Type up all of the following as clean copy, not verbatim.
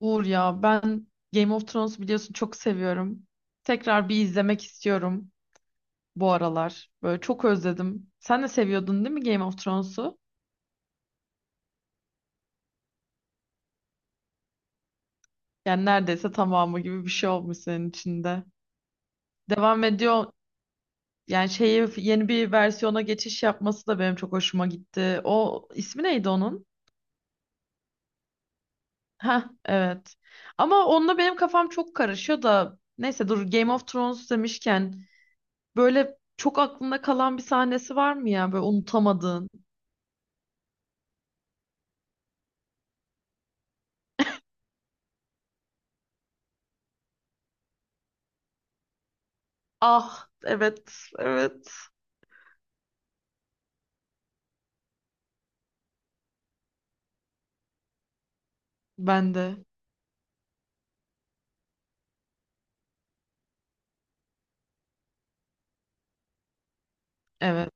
Uğur ya ben Game of Thrones biliyorsun çok seviyorum. Tekrar bir izlemek istiyorum bu aralar. Böyle çok özledim. Sen de seviyordun değil mi Game of Thrones'u? Yani neredeyse tamamı gibi bir şey olmuş senin içinde. Devam ediyor. Yani şeyi yeni bir versiyona geçiş yapması da benim çok hoşuma gitti. O ismi neydi onun? Ha evet. Ama onunla benim kafam çok karışıyor da neyse dur Game of Thrones demişken böyle çok aklında kalan bir sahnesi var mı ya böyle unutamadığın? Ah, evet, evet, ben de, evet.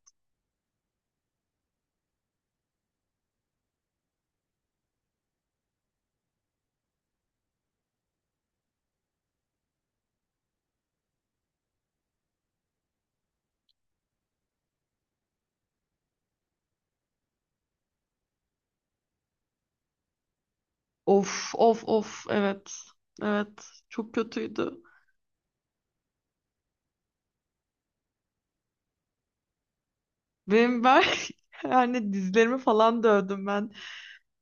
Of of of, evet, evet, çok kötüydü. Ben yani dizlerimi falan dövdüm ben.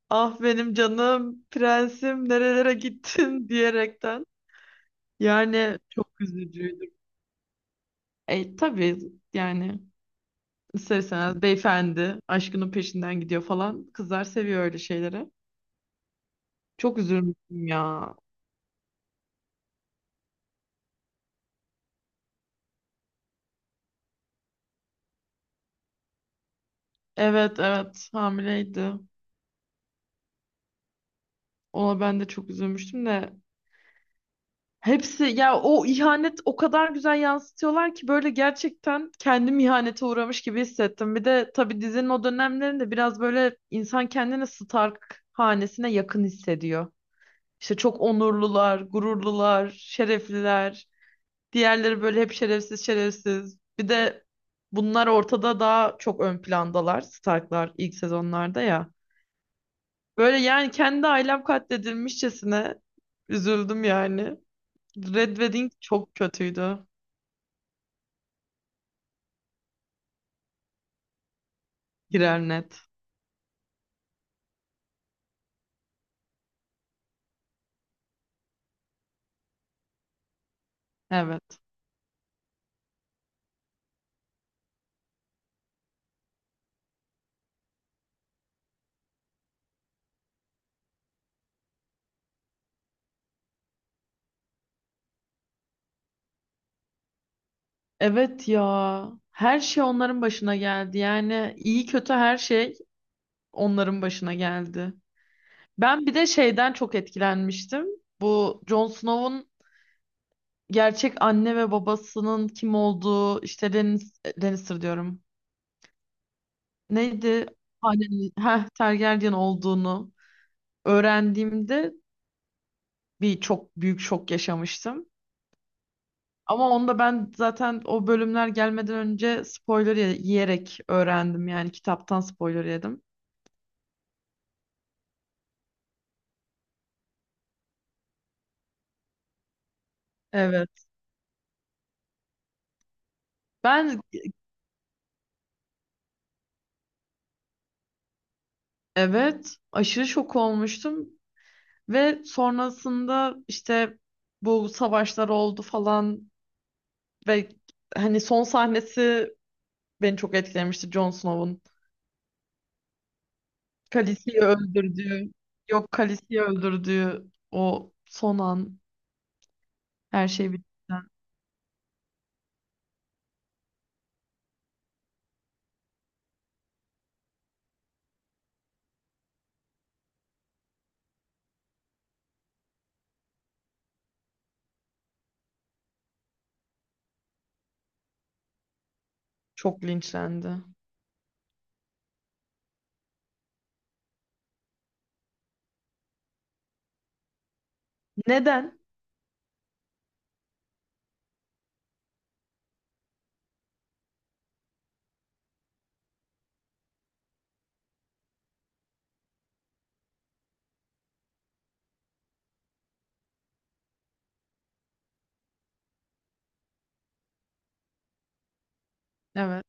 Ah benim canım prensim nerelere gittin diyerekten. Yani çok üzücüydü. E tabii, yani isterseniz beyefendi aşkının peşinden gidiyor falan. Kızlar seviyor öyle şeyleri. Çok üzülmüştüm ya. Evet, evet, hamileydi. Ona ben de çok üzülmüştüm de hepsi ya, o ihanet o kadar güzel yansıtıyorlar ki böyle gerçekten kendim ihanete uğramış gibi hissettim. Bir de tabii dizinin o dönemlerinde biraz böyle insan kendini Stark hanesine yakın hissediyor. İşte çok onurlular, gururlular, şerefliler. Diğerleri böyle hep şerefsiz şerefsiz. Bir de bunlar ortada daha çok ön plandalar Starklar ilk sezonlarda ya. Böyle yani kendi ailem katledilmişçesine üzüldüm yani. Red Wedding çok kötüydü. Girer net. Evet. Evet ya. Her şey onların başına geldi. Yani iyi kötü her şey onların başına geldi. Ben bir de şeyden çok etkilenmiştim. Bu Jon Snow'un gerçek anne ve babasının kim olduğu, işte Lannister diyorum. Neydi? Hanenin, heh, Targaryen olduğunu öğrendiğimde bir çok büyük şok yaşamıştım. Ama onu da ben zaten o bölümler gelmeden önce spoiler yiyerek öğrendim. Yani kitaptan spoiler yedim. Evet. Ben, evet, aşırı şok olmuştum ve sonrasında işte bu savaşlar oldu falan ve hani son sahnesi beni çok etkilemişti Jon Snow'un. Khaleesi'yi öldürdüğü, yok Khaleesi'yi öldürdüğü o son an, her şey bittikten çok linçlendi. Neden? Evet.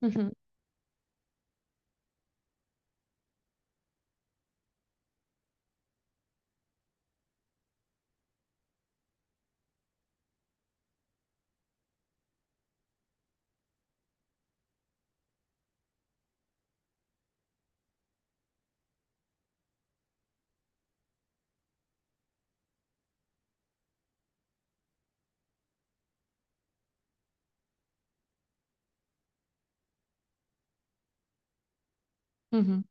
Hı hı. Hı hı.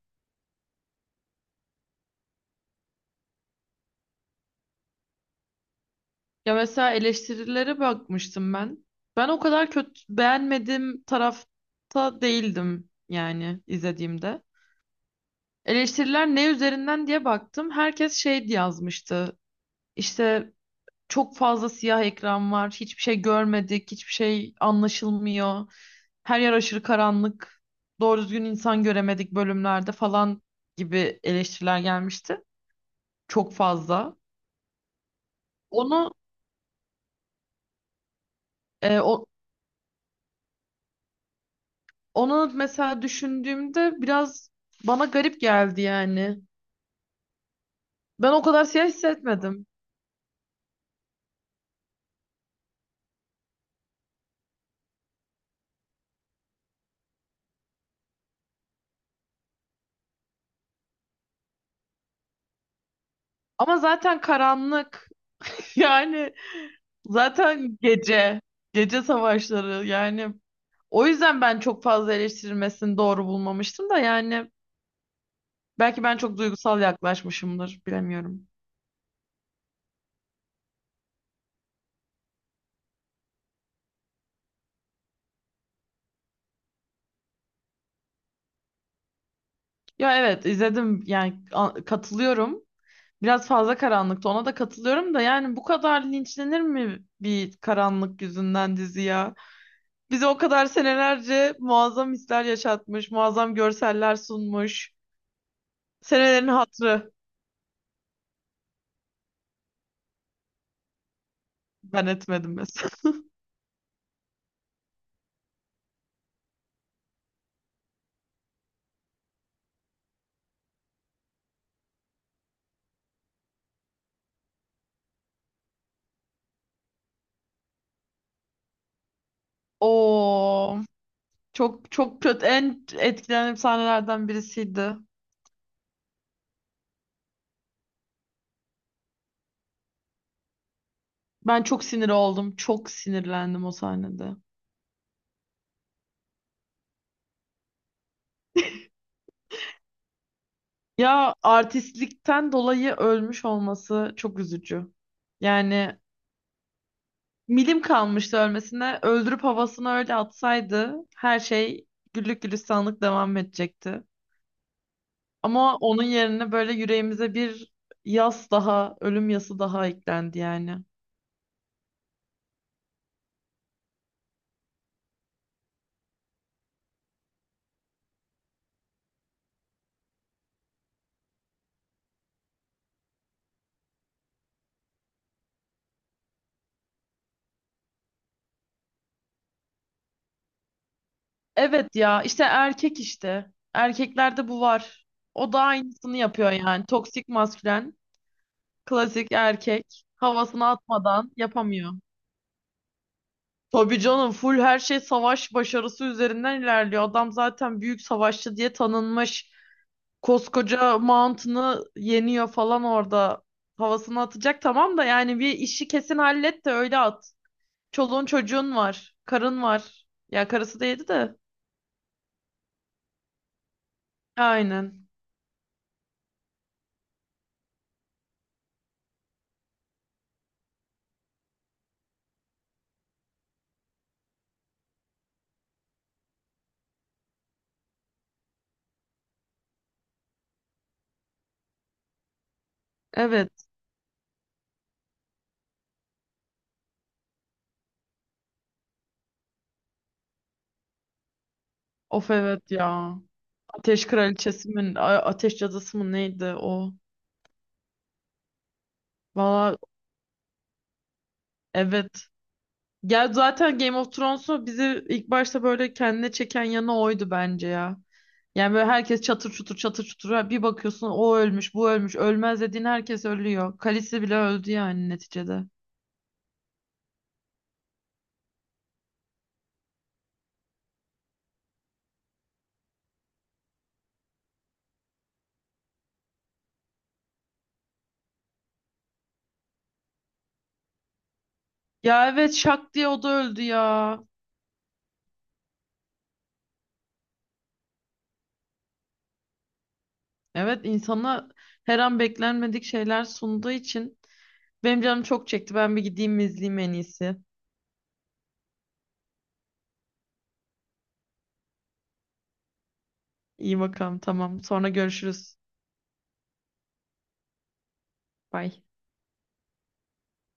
Ya mesela eleştirilere bakmıştım ben. Ben o kadar kötü beğenmediğim tarafta değildim yani izlediğimde. Eleştiriler ne üzerinden diye baktım. Herkes şey diye yazmıştı. İşte çok fazla siyah ekran var. Hiçbir şey görmedik. Hiçbir şey anlaşılmıyor. Her yer aşırı karanlık. Doğru düzgün insan göremedik bölümlerde falan gibi eleştiriler gelmişti. Çok fazla. Onu e, o, onu mesela düşündüğümde biraz bana garip geldi yani. Ben o kadar siyah hissetmedim. Ama zaten karanlık. Yani zaten gece. Gece savaşları yani. O yüzden ben çok fazla eleştirilmesini doğru bulmamıştım da yani. Belki ben çok duygusal yaklaşmışımdır. Bilemiyorum. Ya evet izledim yani katılıyorum. Biraz fazla karanlıktı ona da katılıyorum da yani bu kadar linçlenir mi bir karanlık yüzünden dizi ya? Bize o kadar senelerce muazzam hisler yaşatmış, muazzam görseller sunmuş. Senelerin hatırı, ben etmedim mesela. Oo, çok çok kötü, en etkilendiğim sahnelerden birisiydi. Ben çok sinir oldum. Çok sinirlendim o sahnede. Ya artistlikten dolayı ölmüş olması çok üzücü. Yani milim kalmıştı ölmesine. Öldürüp havasına öyle atsaydı her şey güllük gülistanlık devam edecekti. Ama onun yerine böyle yüreğimize bir yas daha, ölüm yası daha eklendi yani. Evet ya, işte erkek işte. Erkeklerde bu var. O da aynısını yapıyor yani. Toksik maskülen, klasik erkek. Havasını atmadan yapamıyor. Tabii canım, full her şey savaş başarısı üzerinden ilerliyor. Adam zaten büyük savaşçı diye tanınmış. Koskoca Mountain'ı yeniyor falan orada. Havasını atacak tamam da yani bir işi kesin hallet de öyle at. Çoluğun çocuğun var. Karın var. Ya karısı değildi de. Aynen. Evet. Of, evet ya. Ateş Kraliçesi mi? Ateş Cadısı mı neydi o? Valla evet. Ya zaten Game of Thrones'u bizi ilk başta böyle kendine çeken yanı oydu bence ya. Yani böyle herkes çatır çutur çatır çutur. Bir bakıyorsun o ölmüş bu ölmüş. Ölmez dediğin herkes ölüyor. Khaleesi bile öldü yani neticede. Ya evet, şak diye o da öldü ya. Evet, insana her an beklenmedik şeyler sunduğu için benim canım çok çekti. Ben bir gideyim izleyeyim en iyisi. İyi bakalım, tamam. Sonra görüşürüz. Bye.